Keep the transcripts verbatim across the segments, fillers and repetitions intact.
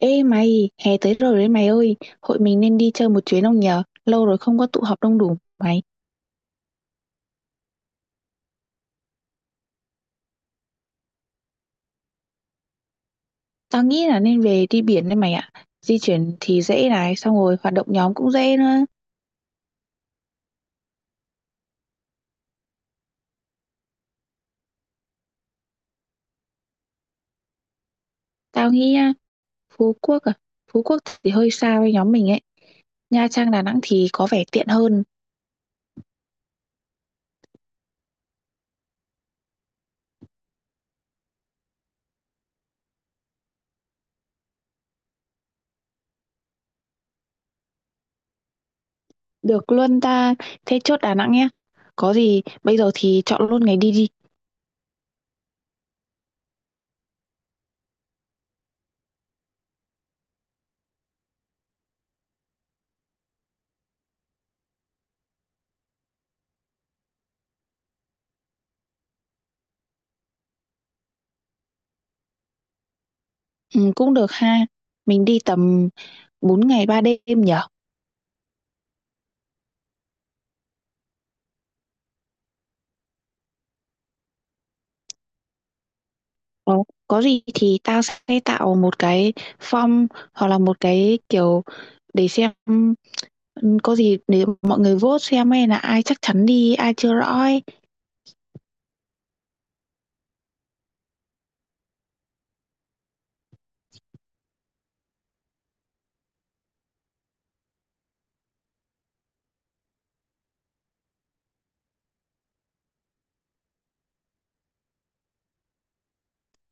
Ê mày, hè tới rồi đấy mày ơi, hội mình nên đi chơi một chuyến không nhờ? Lâu rồi không có tụ họp đông đủ mày. Tao nghĩ là nên về đi biển đấy mày ạ. Di chuyển thì dễ này, xong rồi hoạt động nhóm cũng dễ nữa. Tao nghĩ á, Phú Quốc à, Phú Quốc thì hơi xa với nhóm mình ấy. Nha Trang, Đà Nẵng thì có vẻ tiện hơn. Được luôn ta, thế chốt Đà Nẵng nhé. Có gì, bây giờ thì chọn luôn ngày đi đi. Ừ, cũng được ha, mình đi tầm bốn ngày ba đêm nhở? Ờ, có gì thì tao sẽ tạo một cái form hoặc là một cái kiểu để xem ừ, có gì để mọi người vote xem hay là ai chắc chắn đi ai chưa rõ ấy.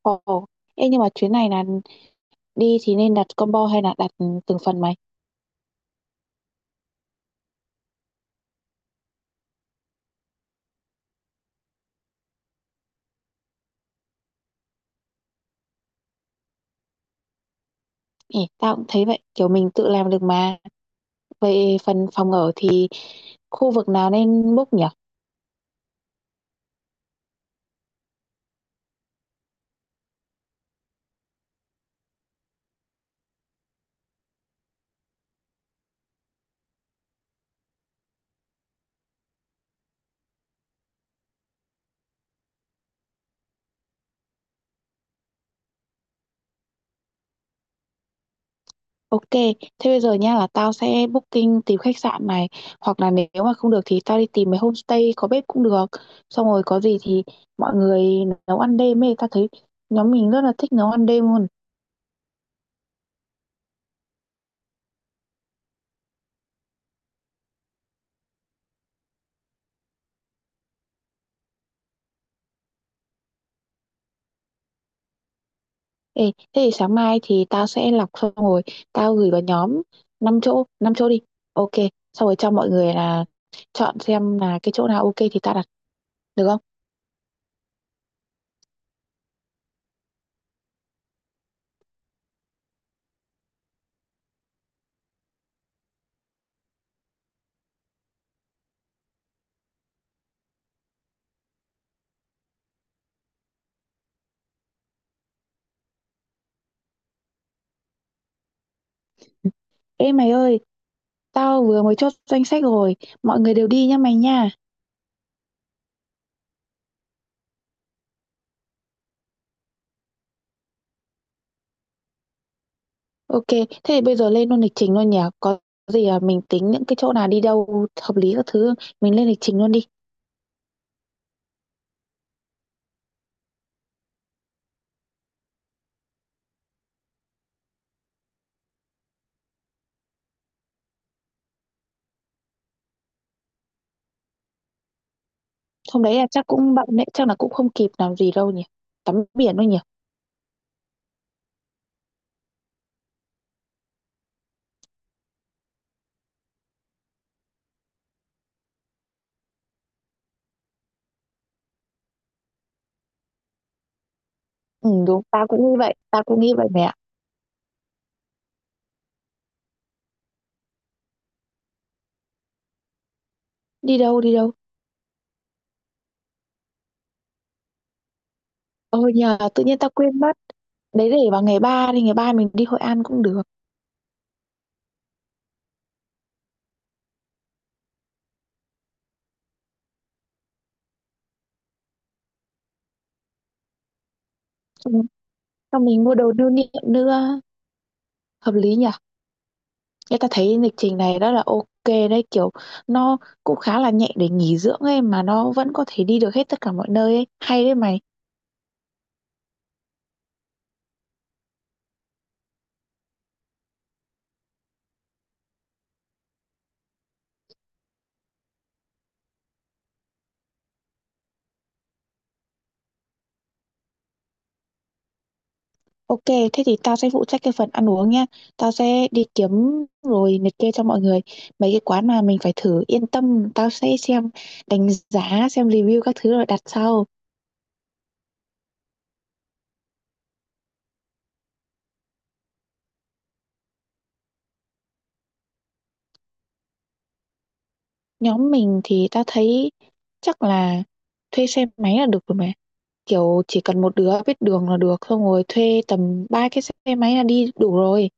Ồ, ê, nhưng mà chuyến này là đi thì nên đặt combo hay là đặt từng phần mày? Ê, tao cũng thấy vậy, kiểu mình tự làm được mà. Về phần phòng ở thì khu vực nào nên book nhỉ? Ok, thế bây giờ nha là tao sẽ booking tìm khách sạn này hoặc là nếu mà không được thì tao đi tìm mấy homestay có bếp cũng được. Xong rồi có gì thì mọi người nấu ăn đêm ấy, tao thấy nhóm mình rất là thích nấu ăn đêm luôn. Ê, thế thì sáng mai thì tao sẽ lọc xong rồi tao gửi vào nhóm năm chỗ, năm chỗ đi. Ok, xong rồi cho mọi người là chọn xem là cái chỗ nào ok thì tao đặt được không? Ê mày ơi, tao vừa mới chốt danh sách rồi, mọi người đều đi nhá mày nha. OK, thế thì bây giờ lên luôn lịch trình luôn nhỉ? Có gì, à, mình tính những cái chỗ nào đi đâu hợp lý các thứ, mình lên lịch trình luôn đi. Hôm đấy là chắc cũng bận đấy, chắc là cũng không kịp làm gì đâu nhỉ? Tắm biển thôi nhỉ? Ừ, đúng, tao cũng nghĩ vậy, tao cũng nghĩ vậy mẹ Đi đâu, đi đâu? Ôi nhờ, tự nhiên tao quên mất. Đấy để vào ngày ba đi, ngày ba mình đi Hội An cũng được. Ừ, xong mình mua đồ lưu niệm nữa, hợp lý nhỉ? Người ta thấy lịch trình này rất là ok đấy, kiểu nó cũng khá là nhẹ để nghỉ dưỡng ấy mà nó vẫn có thể đi được hết tất cả mọi nơi ấy. Hay đấy mày. Ok, thế thì tao sẽ phụ trách cái phần ăn uống nha. Tao sẽ đi kiếm rồi liệt kê cho mọi người mấy cái quán mà mình phải thử. Yên tâm, tao sẽ xem đánh giá, xem review các thứ rồi đặt sau. Nhóm mình thì tao thấy chắc là thuê xe máy là được rồi mà. Kiểu chỉ cần một đứa biết đường là được, xong rồi thuê tầm ba cái xe máy là đi đủ rồi.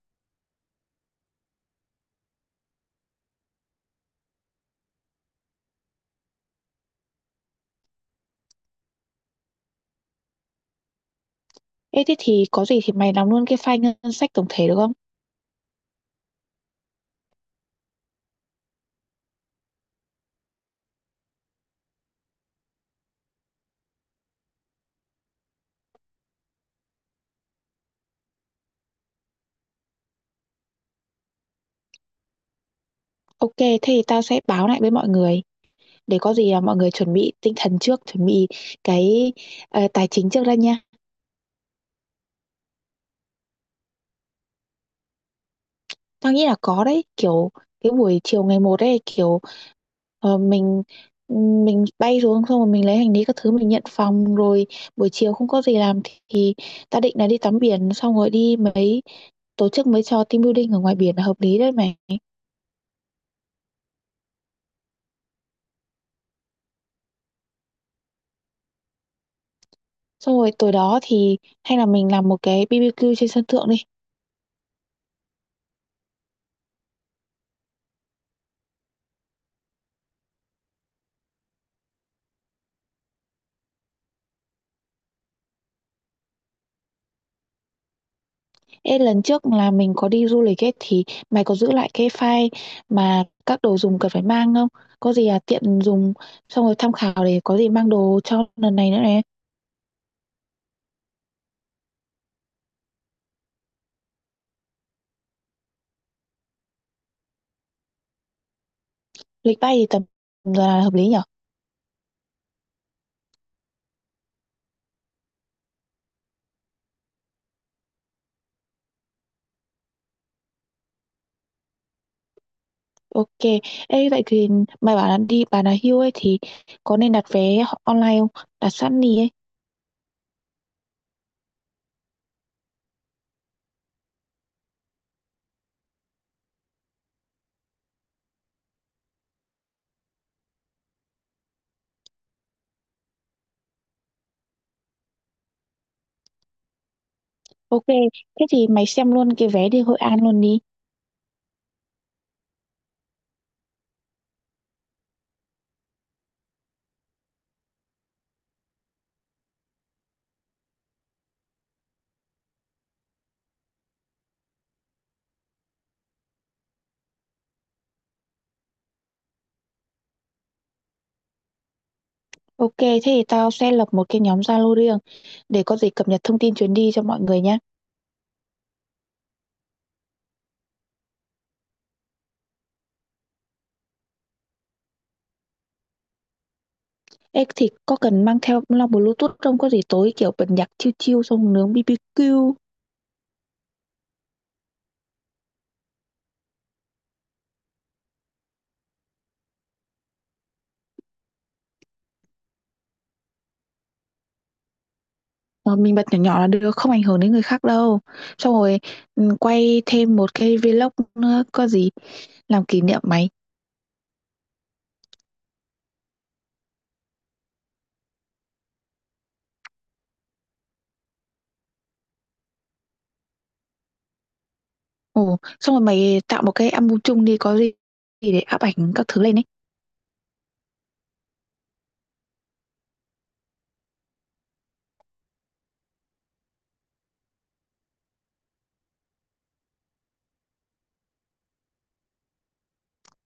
Ê thế thì có gì thì mày làm luôn cái file ngân sách tổng thể được không? Ok, thế thì tao sẽ báo lại với mọi người để có gì là mọi người chuẩn bị tinh thần trước, chuẩn bị cái ờ, tài chính trước ra nha. Tao nghĩ là có đấy, kiểu cái buổi chiều ngày một ấy kiểu ờ, mình mình bay xuống xong rồi mình lấy hành lý các thứ mình nhận phòng rồi buổi chiều không có gì làm thì, thì tao định là đi tắm biển xong rồi đi mấy tổ chức mấy trò team building ở ngoài biển là hợp lý đấy mày. Xong rồi tối đó thì hay là mình làm một cái bê bê kiu trên sân thượng đi. Ê, lần trước là mình có đi du lịch ấy thì mày có giữ lại cái file mà các đồ dùng cần phải mang không? Có gì à tiện dùng xong rồi tham khảo để có gì mang đồ cho lần này nữa này. Lịch bay thì tầm giờ là hợp lý nhở? Ok. Ê, vậy thì mày bảo là đi Bà Nà Hills ấy thì có nên đặt vé online không? Đặt sẵn đi ấy. Ok. Thế thì mày xem luôn cái vé đi Hội An luôn đi. Ok, thế thì tao sẽ lập một cái nhóm Zalo riêng để có gì cập nhật thông tin chuyến đi cho mọi người nhé. Ê, thì có cần mang theo loa Bluetooth không? Có gì tối kiểu bật nhạc chill chill xong nướng bi bi kiu mà mình bật nhỏ nhỏ là được, không ảnh hưởng đến người khác đâu. Xong rồi ừ, quay thêm một cái vlog nữa, có gì làm kỷ niệm mày. Ồ, xong rồi mày tạo một cái album chung đi, có gì để áp ảnh các thứ lên ấy.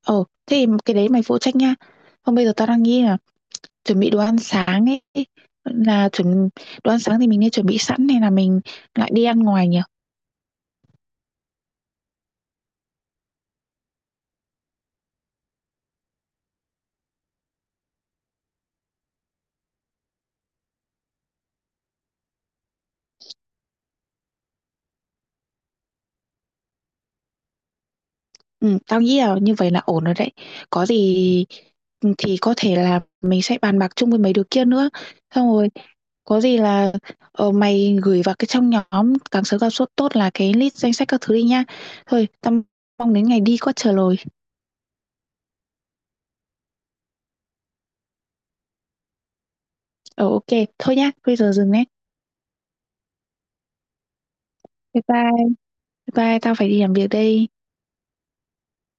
Ồ, thế thì cái đấy mày phụ trách nha. Không bây giờ tao đang nghĩ là chuẩn bị đồ ăn sáng ấy là chuẩn đồ ăn sáng thì mình nên chuẩn bị sẵn hay là mình lại đi ăn ngoài nhỉ? Ừ, tao nghĩ là như vậy là ổn rồi đấy, có gì ừ, thì có thể là mình sẽ bàn bạc chung với mấy đứa kia nữa, xong rồi có gì là ờ, mày gửi vào cái trong nhóm càng sớm càng tốt tốt là cái list danh sách các thứ đi nha. Thôi tao mong đến ngày đi có chờ lồi. Ờ ok, thôi nhá bây giờ dừng đấy. Bye bye, bye bye, tao phải đi làm việc đây.